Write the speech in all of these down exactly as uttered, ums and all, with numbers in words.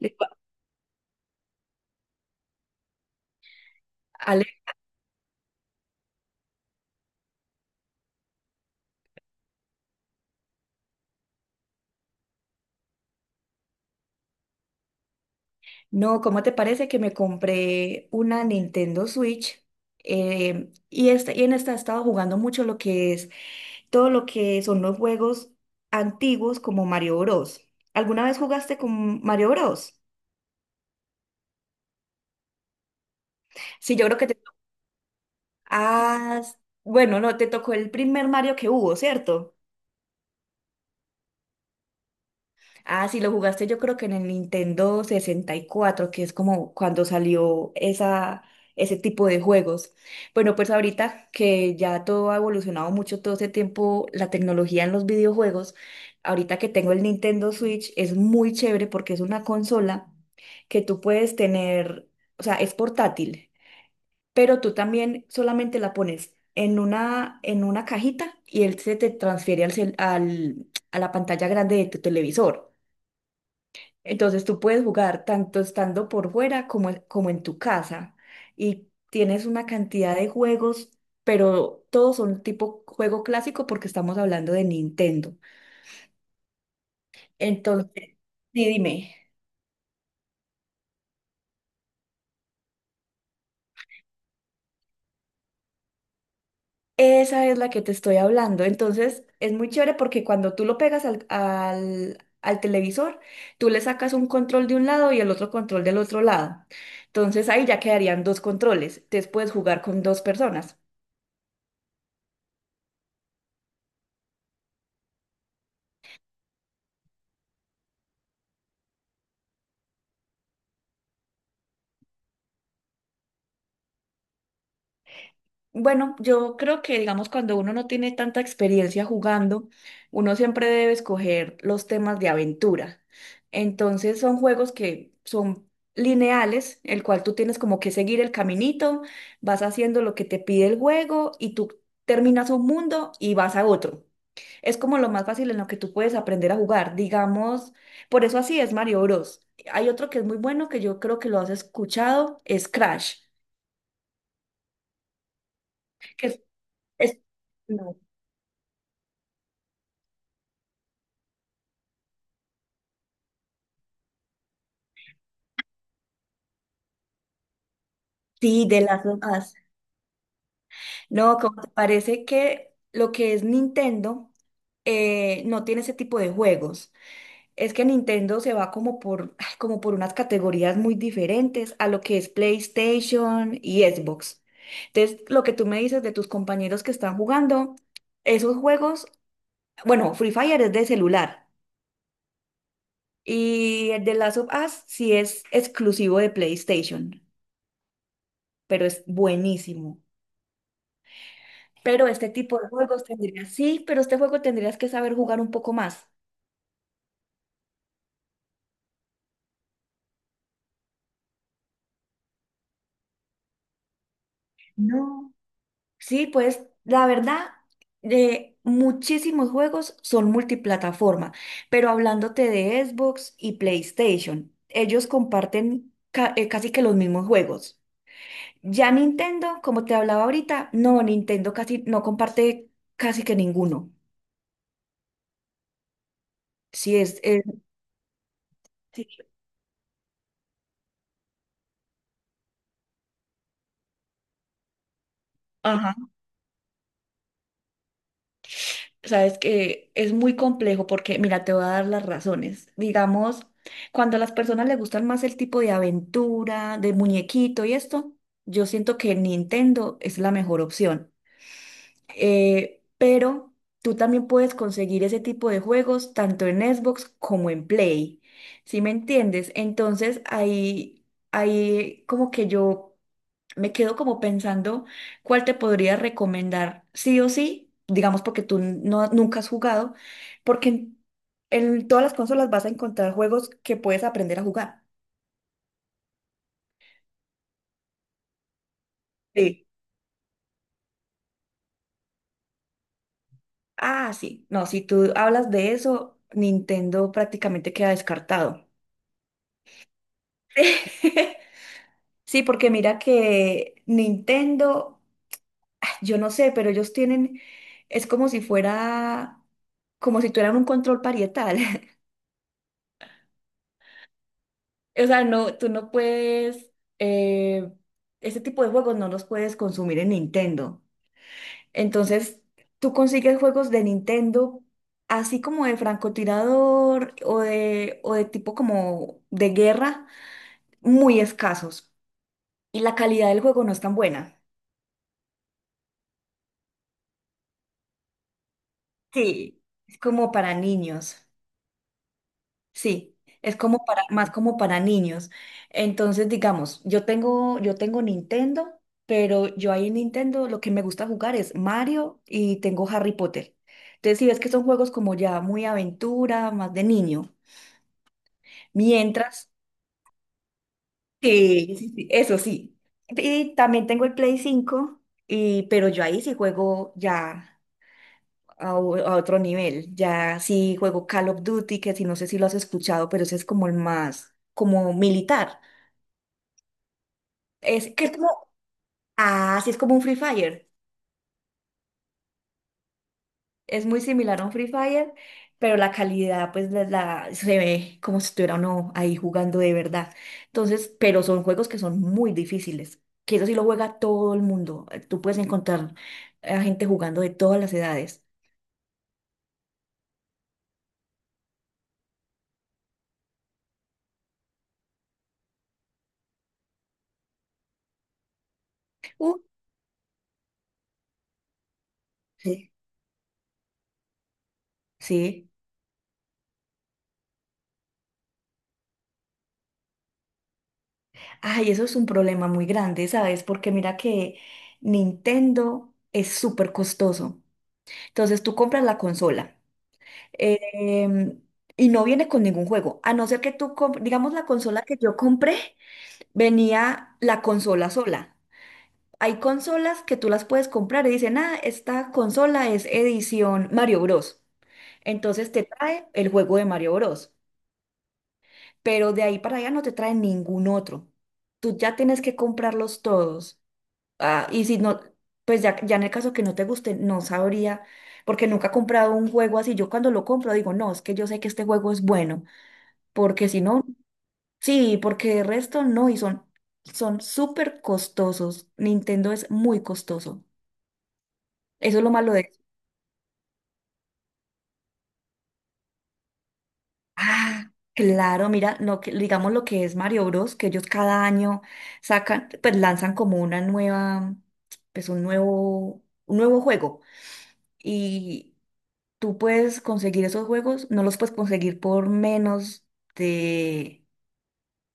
Le digo, Ale, no, ¿cómo te parece que me compré una Nintendo Switch? Eh, y, esta, y en esta he estado jugando mucho lo que es todo lo que son los juegos antiguos como Mario Bros. ¿Alguna vez jugaste con Mario Bros? Sí, yo creo que te... Ah, bueno, no, te tocó el primer Mario que hubo, ¿cierto? Ah, sí, lo jugaste yo creo que en el Nintendo sesenta y cuatro, que es como cuando salió esa, ese tipo de juegos. Bueno, pues ahorita que ya todo ha evolucionado mucho todo ese tiempo, la tecnología en los videojuegos, ahorita que tengo el Nintendo Switch es muy chévere porque es una consola que tú puedes tener, o sea, es portátil, pero tú también solamente la pones en una, en una cajita y él se te transfiere al, cel- al- a la pantalla grande de tu televisor. Entonces tú puedes jugar tanto estando por fuera como, en- como en tu casa y tienes una cantidad de juegos, pero todos son tipo juego clásico porque estamos hablando de Nintendo. Entonces, sí, dime, esa es la que te estoy hablando. Entonces, es muy chévere porque cuando tú lo pegas al, al, al televisor, tú le sacas un control de un lado y el otro control del otro lado. Entonces ahí ya quedarían dos controles. Entonces puedes jugar con dos personas. Bueno, yo creo que, digamos, cuando uno no tiene tanta experiencia jugando, uno siempre debe escoger los temas de aventura. Entonces son juegos que son lineales, el cual tú tienes como que seguir el caminito, vas haciendo lo que te pide el juego y tú terminas un mundo y vas a otro. Es como lo más fácil en lo que tú puedes aprender a jugar, digamos, por eso así es Mario Bros. Hay otro que es muy bueno que yo creo que lo has escuchado, es Crash, que es es- no. Sí, de las demás. No, como te parece que lo que es Nintendo eh, no tiene ese tipo de juegos. Es que Nintendo se va como por, ay, como por unas categorías muy diferentes a lo que es PlayStation y Xbox. Entonces, lo que tú me dices de tus compañeros que están jugando, esos juegos, bueno, Free Fire es de celular y el de Last of Us sí es exclusivo de PlayStation, pero es buenísimo. Pero este tipo de juegos tendrías, sí, pero este juego tendrías que saber jugar un poco más. No. Sí, pues la verdad, de muchísimos juegos son multiplataforma, pero hablándote de Xbox y PlayStation, ellos comparten ca- eh, casi que los mismos juegos. Ya Nintendo, como te hablaba ahorita, no, Nintendo casi no comparte casi que ninguno. Sí, es, es- sí. Ajá. Sabes que es muy complejo porque, mira, te voy a dar las razones. Digamos, cuando a las personas les gustan más el tipo de aventura, de muñequito y esto, yo siento que Nintendo es la mejor opción. Eh, pero tú también puedes conseguir ese tipo de juegos tanto en Xbox como en Play. ¿Sí me entiendes? Entonces ahí, ahí como que yo me quedo como pensando cuál te podría recomendar, sí o sí, digamos porque tú no, nunca has jugado, porque en, en todas las consolas vas a encontrar juegos que puedes aprender a jugar. Sí. Ah, sí, no, si tú hablas de eso, Nintendo prácticamente queda descartado. Sí, porque mira que Nintendo, ah, yo no sé, pero ellos tienen, es como si fuera, como si tuvieran un control parietal. O sea, no, tú no puedes, eh, este tipo de juegos no los puedes consumir en Nintendo. Entonces, tú consigues juegos de Nintendo, así como de francotirador o de, o de tipo como de guerra, muy escasos. Y la calidad del juego no es tan buena. Sí. Es como para niños. Sí, es como para, más como para niños. Entonces, digamos, yo tengo, yo tengo Nintendo, pero yo ahí en Nintendo lo que me gusta jugar es Mario y tengo Harry Potter. Entonces, si ves que son juegos como ya muy aventura, más de niño. Mientras, sí, sí, sí, eso sí. Y también tengo el Play cinco y, pero yo ahí sí juego ya a, o- a otro nivel. Ya sí juego Call of Duty, que si no sé si lo has escuchado, pero ese es como el más, como militar. Es que es como, ah, sí, es como un Free Fire. Es muy similar a un Free Fire, pero la calidad, pues, la, la- se ve como si estuviera uno ahí jugando de verdad. Entonces, pero son juegos que son muy difíciles, que eso sí lo juega todo el mundo. Eh, Tú puedes encontrar a gente jugando de todas las edades. Uh, sí. Sí. Ay, eso es un problema muy grande, ¿sabes? Porque mira que Nintendo es súper costoso. Entonces, tú compras la consola. em, y no viene con ningún juego, a no ser que tú, comp- digamos, la consola que yo compré, venía la consola sola. Hay consolas que tú las puedes comprar y dicen, ah, esta consola es edición Mario Bros. Entonces te trae el juego de Mario Bros. Pero de ahí para allá no te trae ningún otro. Tú ya tienes que comprarlos todos. Ah, y si no, pues ya, ya en el caso que no te guste, no sabría, porque nunca he comprado un juego así. Yo cuando lo compro digo, no, es que yo sé que este juego es bueno porque si no, sí, porque el resto no, y son son súper costosos. Nintendo es muy costoso. Eso es lo malo de... Ah, claro, mira, lo que, digamos lo que es Mario Bros, que ellos cada año sacan, pues lanzan como una nueva, pues un nuevo, un nuevo juego. Y tú puedes conseguir esos juegos, no los puedes conseguir por menos de,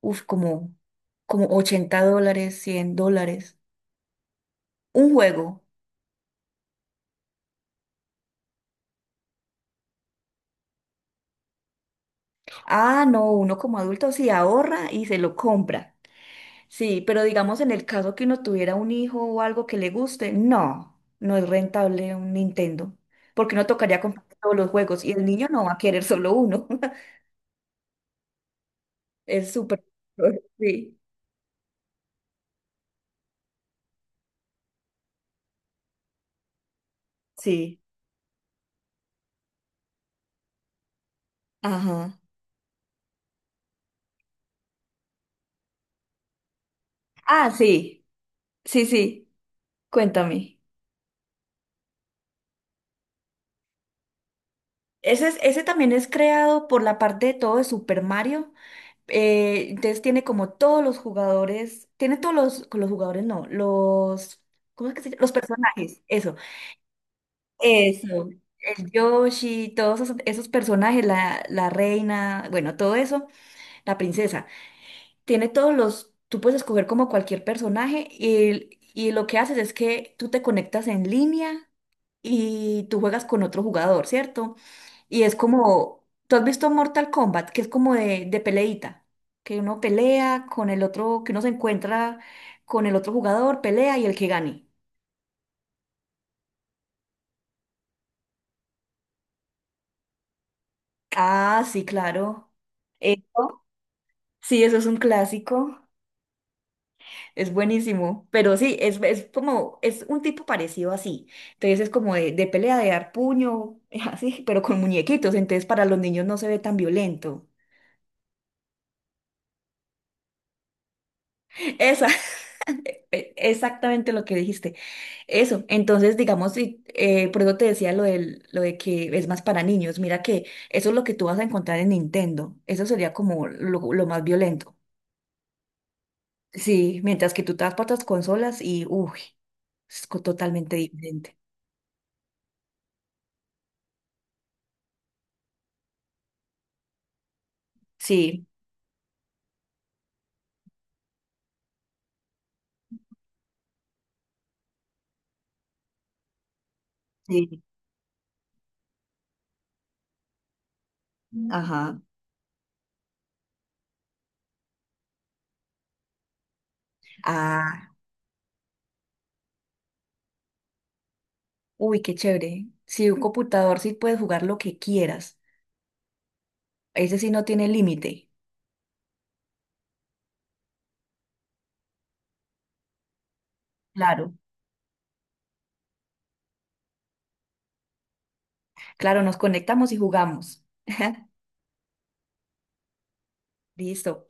uf, como, como, ochenta dólares, cien dólares. Un juego. Ah, no, uno como adulto sí ahorra y se lo compra. Sí, pero digamos en el caso que uno tuviera un hijo o algo que le guste, no, no es rentable un Nintendo, porque uno tocaría comprar todos los juegos y el niño no va a querer solo uno. Es súper... Sí, sí, ajá. Ah, sí, sí, sí, cuéntame. Ese, es- ese también es creado por la parte de todo de Super Mario. Eh, entonces tiene como todos los jugadores, tiene todos los, con los jugadores, no, los, ¿cómo es que se llama? Los personajes, eso, eso, el Yoshi, todos esos, esos personajes, la, la reina, bueno, todo eso, la princesa tiene todos los, tú puedes escoger como cualquier personaje y, y lo que haces es que tú te conectas en línea y tú juegas con otro jugador, ¿cierto? Y es como, ¿tú has visto Mortal Kombat? Que es como de, de peleita, que uno pelea con el otro, que uno se encuentra con el otro jugador, pelea y el que gane. Ah, sí, claro. Eso, sí, eso es un clásico. Es buenísimo, pero sí, es, es como, es un tipo parecido así. Entonces es como de, de pelea, de dar puño, así, pero con muñequitos. Entonces para los niños no se ve tan violento. Esa, e- exactamente lo que dijiste. Eso, entonces digamos, sí, eh, por eso te decía lo del- lo de que es más para niños. Mira que eso es lo que tú vas a encontrar en Nintendo. Eso sería como lo, lo más violento. Sí, mientras que tú te vas para otras consolas y, uy, es co- totalmente diferente. Sí, sí, ajá. Ah, uy, qué chévere. Sí, un computador sí puedes jugar lo que quieras. Ese sí no tiene límite. Claro. Claro, nos conectamos y jugamos. Listo.